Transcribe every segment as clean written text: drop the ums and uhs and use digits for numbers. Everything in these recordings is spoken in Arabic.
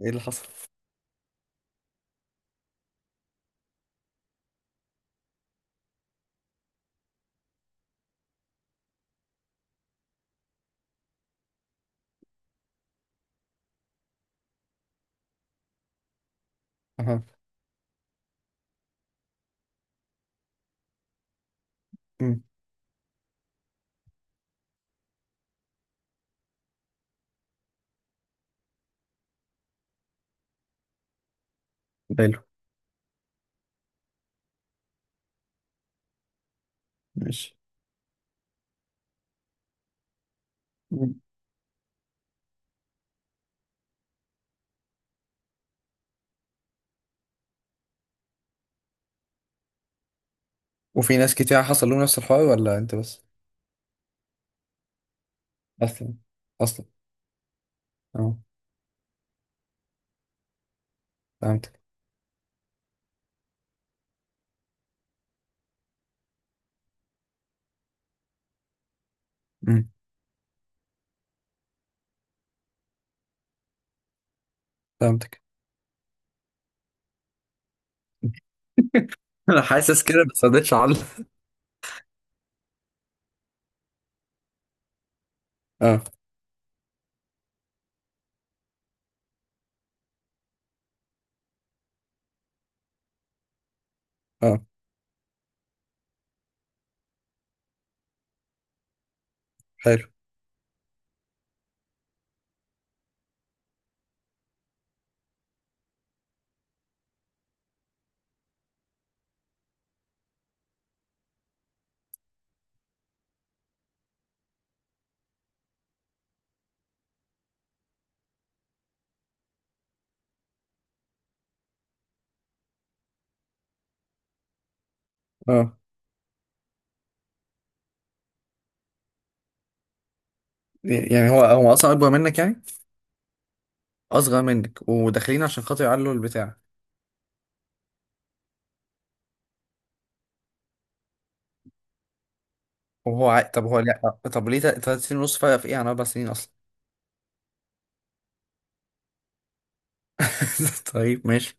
ايه اللي حصل؟ اها. امم. حلو. ماشي. مم. وفي ناس كتير حصل لهم نفس الحوار ولا انت بس؟ اصلا، اصلا. اه، فهمتك. امم. فهمتك. انا حاسس كده بس ما رضيتش اعلق. اه، اه. حلو. اه، يعني هو اصلا اكبر منك يعني؟ اصغر منك وداخلين عشان خاطر يعلوا البتاع. وهو عا... طب هو لا طب ليه تلات سنين ونص فرق في ايه عن اربع سنين اصلا؟ طيب، ماشي.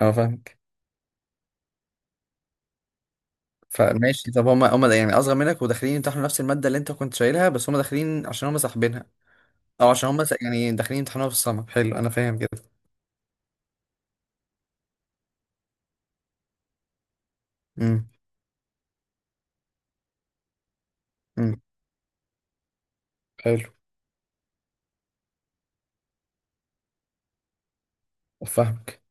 اه، فاهمك. فماشي، طب هما يعني اصغر منك وداخلين يمتحنوا نفس الماده اللي انت كنت شايلها، بس هما داخلين عشان هما ساحبينها. اه، عشان هم بس يعني داخلين يمتحنوها في السمر. حلو، انا فاهم كده. امم. امم. حلو. فاهمك.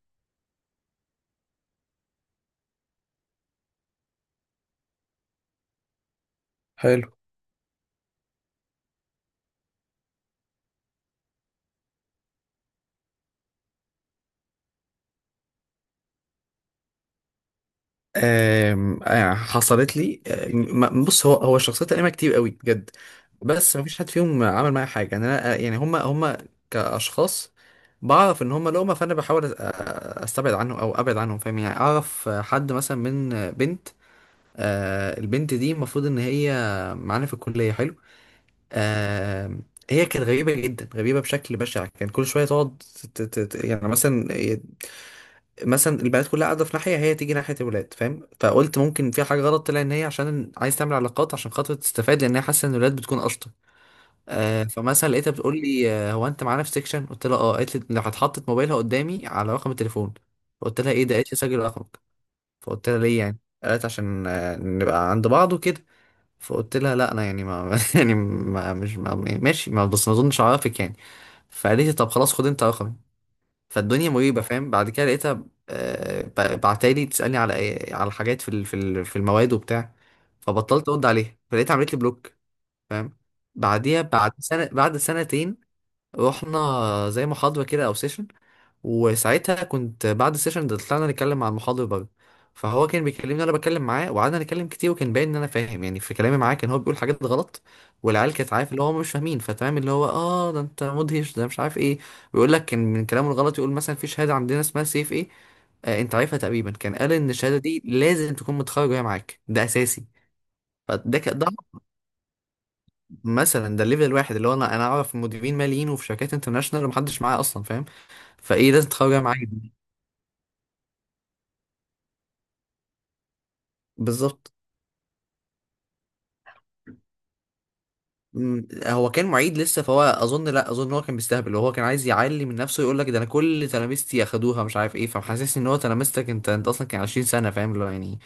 حلو. آم، آه، حصلت لي. بص، هو الشخصيات القديمه كتير قوي بجد. بس مفيش حد فيهم عمل معايا حاجه، يعني انا، يعني هم كاشخاص بعرف ان هم لقمه، فانا بحاول استبعد عنهم او ابعد عنهم فاهم. يعني اعرف حد مثلا من بنت، البنت دي المفروض ان هي معانا في الكليه، حلو. آه. هي كانت غريبة جدا، غريبة بشكل بشع. كان كل شوية تقعد يعني مثلا، البنات كلها قاعدة في ناحية، هي تيجي ناحية الولاد فاهم. فقلت ممكن في حاجة غلط، طلع ان هي عشان عايز تعمل علاقات عشان خاطر تستفاد، لان هي حاسة ان الولاد بتكون اشطر. آه، فمثلا لقيتها بتقول لي، هو انت معانا في سيكشن؟ قلت لها اه. قالت لي لو هتحطت موبايلها قدامي على رقم التليفون. فقلت لها ايه ده؟ قالت لي سجل رقمك. فقلت لها ليه يعني؟ قالت عشان، نبقى عند بعض وكده. فقلت لها لا انا يعني ما يعني ما مش ما ماشي ما بس ما اظنش اعرفك يعني. فقالت لي طب خلاص، خد انت رقمي. فالدنيا مريبه فاهم. بعد كده لقيتها، بعتالي تسالني على على حاجات في في المواد وبتاع. فبطلت ارد عليها، فلقيتها عملت لي بلوك. فاهم. بعديها بعد سنه، بعد سنتين، رحنا زي محاضره كده او سيشن. وساعتها كنت بعد السيشن ده طلعنا نتكلم مع المحاضر بره. فهو كان بيكلمني، انا بتكلم معاه، وقعدنا نتكلم كتير، وكان باين ان انا فاهم يعني في كلامي معاه. كان هو بيقول حاجات غلط، والعيال كانت عارف اللي هو هم مش فاهمين، فتمام اللي هو اه ده انت مدهش ده مش عارف ايه. ويقول لك، كان من كلامه الغلط يقول مثلا في شهاده عندنا اسمها سيف ايه، آه، انت عارفها تقريبا. كان قال ان الشهاده دي لازم تكون متخرج وهي معاك، ده اساسي. ده مثلا، ده الليفل الواحد اللي هو انا اعرف مديرين ماليين وفي شركات انترناشونال، ومحدش معايا اصلا فاهم. فايه لازم تتخرج وهي معاك؟ بالظبط. مم، هو كان معيد لسه، فهو اظن، لا اظن هو كان بيستهبل. هو كان عايز يعلي من نفسه، يقول لك ده انا كل تلامذتي اخدوها مش عارف ايه، فمحسسني ان هو تلامذتك انت اصلا كان 20 سنه فاهم اللي هو يعني.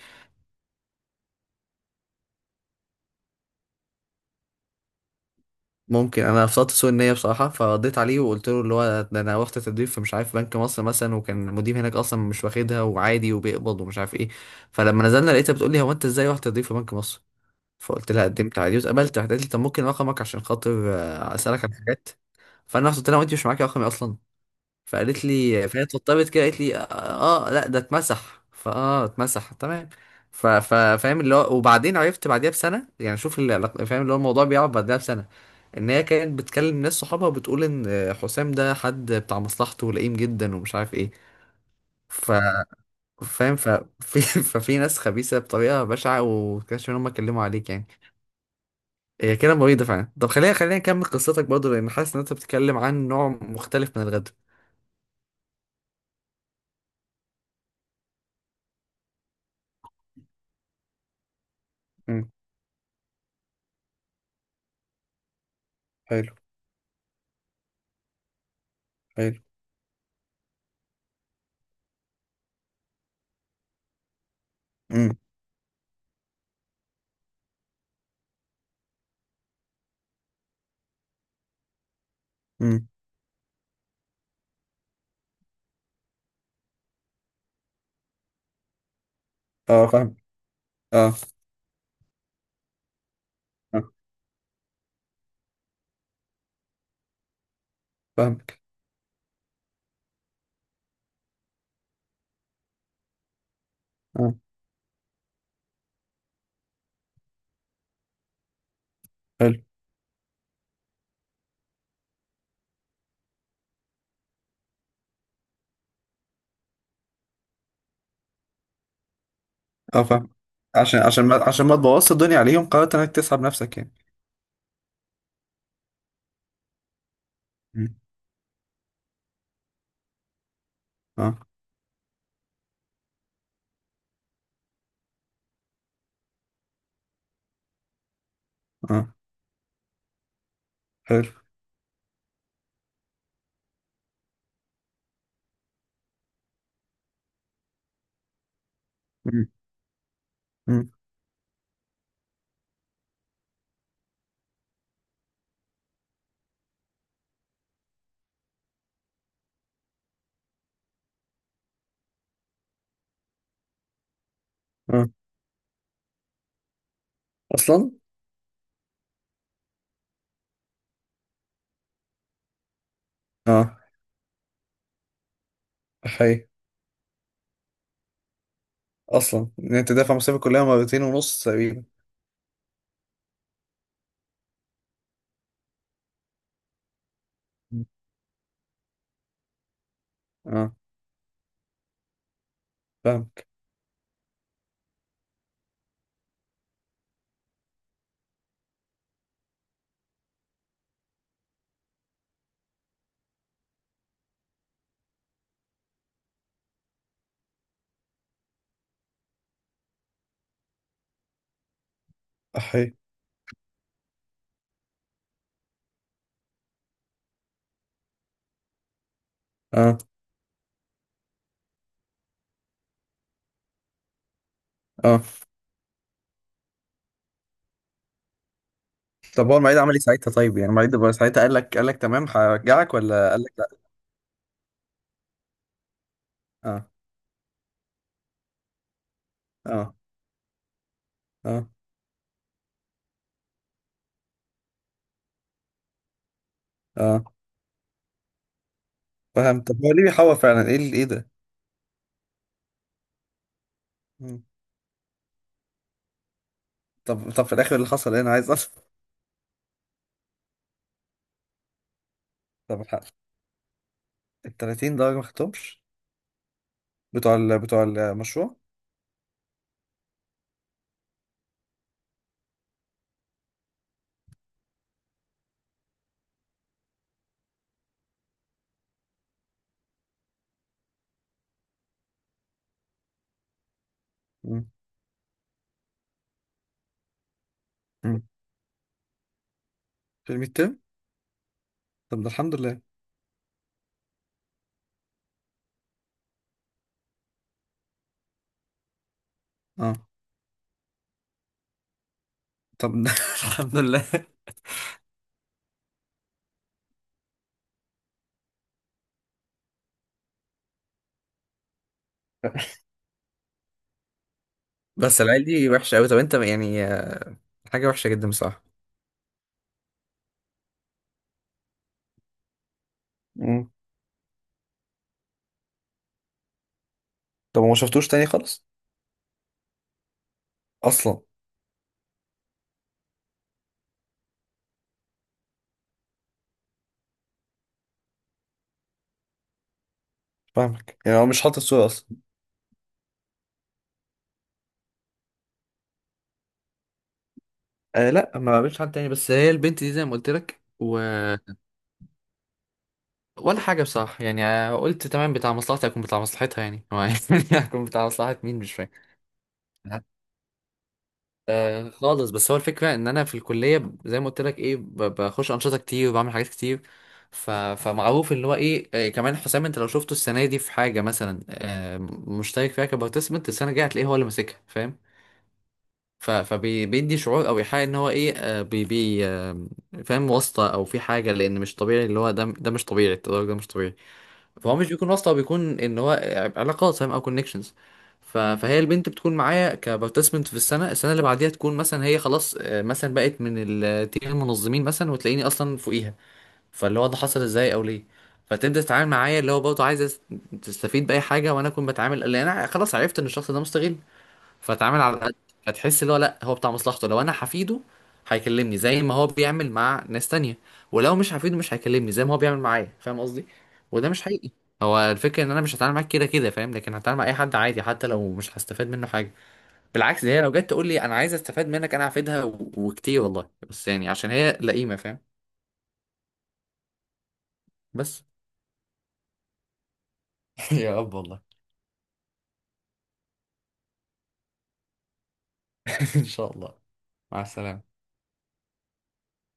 ممكن انا فصلت سوء النيه بصراحه فقضيت عليه، وقلت له اللي هو ده انا واخد تدريب في مش عارف بنك مصر مثلا، وكان المدير هناك اصلا مش واخدها وعادي وبيقبض ومش عارف ايه. فلما نزلنا لقيتها بتقول لي، هو انت ازاي واخد تدريب في بنك مصر؟ فقلت لها قدمت عادي واتقبلت. راحت قالت لي طب ممكن رقمك عشان خاطر، اسالك عن حاجات. فانا رحت قلت لها، وانت مش معاكي رقمي اصلا؟ فقالت لي، فهي اتوترت كده، قالت لي اه، لا ده اتمسح، اتمسح تمام. فاهم اللي هو، وبعدين عرفت بعديها بسنه يعني، شوف فاهم اللي هو، الموضوع بيقعد بعديها بسنه، ان هي كانت بتكلم ناس صحابها وبتقول ان حسام ده حد بتاع مصلحته ولئيم جدا ومش عارف ايه. ف فاهم ف... في... ففي ناس خبيثه بطريقه بشعه، وكانش ان هم اتكلموا عليك يعني. هي كده مريضه فعلا. طب خلينا، خلينا نكمل قصتك برضه، لان حاسس ان انت بتتكلم عن نوع مختلف من الغدر. امم. حلو. حلو. امم. اه، فاهم. اه. آه، فاهمك. اه. حلو. اه، فاهم. عشان، ما تبوظش الدنيا عليهم قررت انك تسحب نفسك يعني؟ مم. اه. اه. حلو. مم. مم. اه. اصلا. اه. حقيقي. اصلا ان انت دافع مصاريف الكليه مرتين ونص تقريبا. مم. اه، فاهمك. حقيقي. اه. اه. طب هو المعيد عمل ايه ساعتها؟ طيب يعني المعيد بقى ساعتها قال لك تمام هرجعك، ولا قال لك لا؟ اه. اه. اه. اه، فاهم. طب هو ليه بيحور فعلا، ايه ايه ده؟ مم. طب، طب في الاخر اللي حصل إيه؟ انا عايز. طب، الحق. ال 30 درجة ما خدتهمش، بتوع المشروع. مم. مم. في الميد تيرم. طب ده الحمد لله. اه. طب ده الحمد لله. بس العيال دي وحشه قوي. طب انت يعني، حاجه وحشه جدا بصراحه. مم. طب ما شفتوش تاني خالص؟ اصلا. فاهمك، يعني هو مش حاطط الصورة اصلا. أه، لا، ما قابلتش حد تاني. بس هي البنت دي زي ما قلت لك ولا حاجه بصراحه يعني، قلت تمام بتاع مصلحتي هكون بتاع مصلحتها يعني هو يعني هكون بتاع مصلحه مين مش فاهم. آه خالص. بس هو الفكرة ان انا في الكلية زي ما قلت لك، ايه بخش انشطة كتير وبعمل حاجات كتير. فمعروف اللي هو ايه، كمان حسام، انت لو شفته السنة دي في حاجة مثلا آه مشترك فيها كبارتيسيبنت، السنة الجاية هتلاقيه هو اللي ماسكها فاهم. فبيدي شعور او ايحاء ان هو ايه، آه بي... بي... آه فاهم، واسطة او في حاجة، لان مش طبيعي اللي هو ده مش طبيعي، التدرج ده مش طبيعي. فهو مش بيكون واسطة، هو بيكون ان هو علاقات فاهم، او كونكشنز. فهي البنت بتكون معايا كبارتيسيبنت في السنة اللي بعديها، تكون مثلا هي خلاص، مثلا بقت من التيم المنظمين مثلا، وتلاقيني اصلا فوقيها. فاللي هو ده حصل ازاي او ليه؟ فتبدأ تتعامل معايا اللي هو برضه عايز تستفيد بأي حاجة، وانا اكون بتعامل لان انا خلاص عرفت ان الشخص ده مستغل، فاتعامل على قد. هتحس اللي هو لا، هو بتاع مصلحته. لو انا حفيده هيكلمني زي ما هو بيعمل مع ناس تانية، ولو مش حفيده مش هيكلمني زي ما هو بيعمل معايا، فاهم قصدي؟ وده مش حقيقي. هو الفكرة ان انا مش هتعامل معاك كده كده فاهم، لكن هتعامل مع اي حد عادي حتى لو مش هستفاد منه حاجة. بالعكس، ده هي لو جت تقول لي انا عايز استفاد منك انا هفيدها وكتير والله. بس يعني عشان هي لئيمة فاهم. بس. يا رب والله. ان شاء الله. مع السلامة.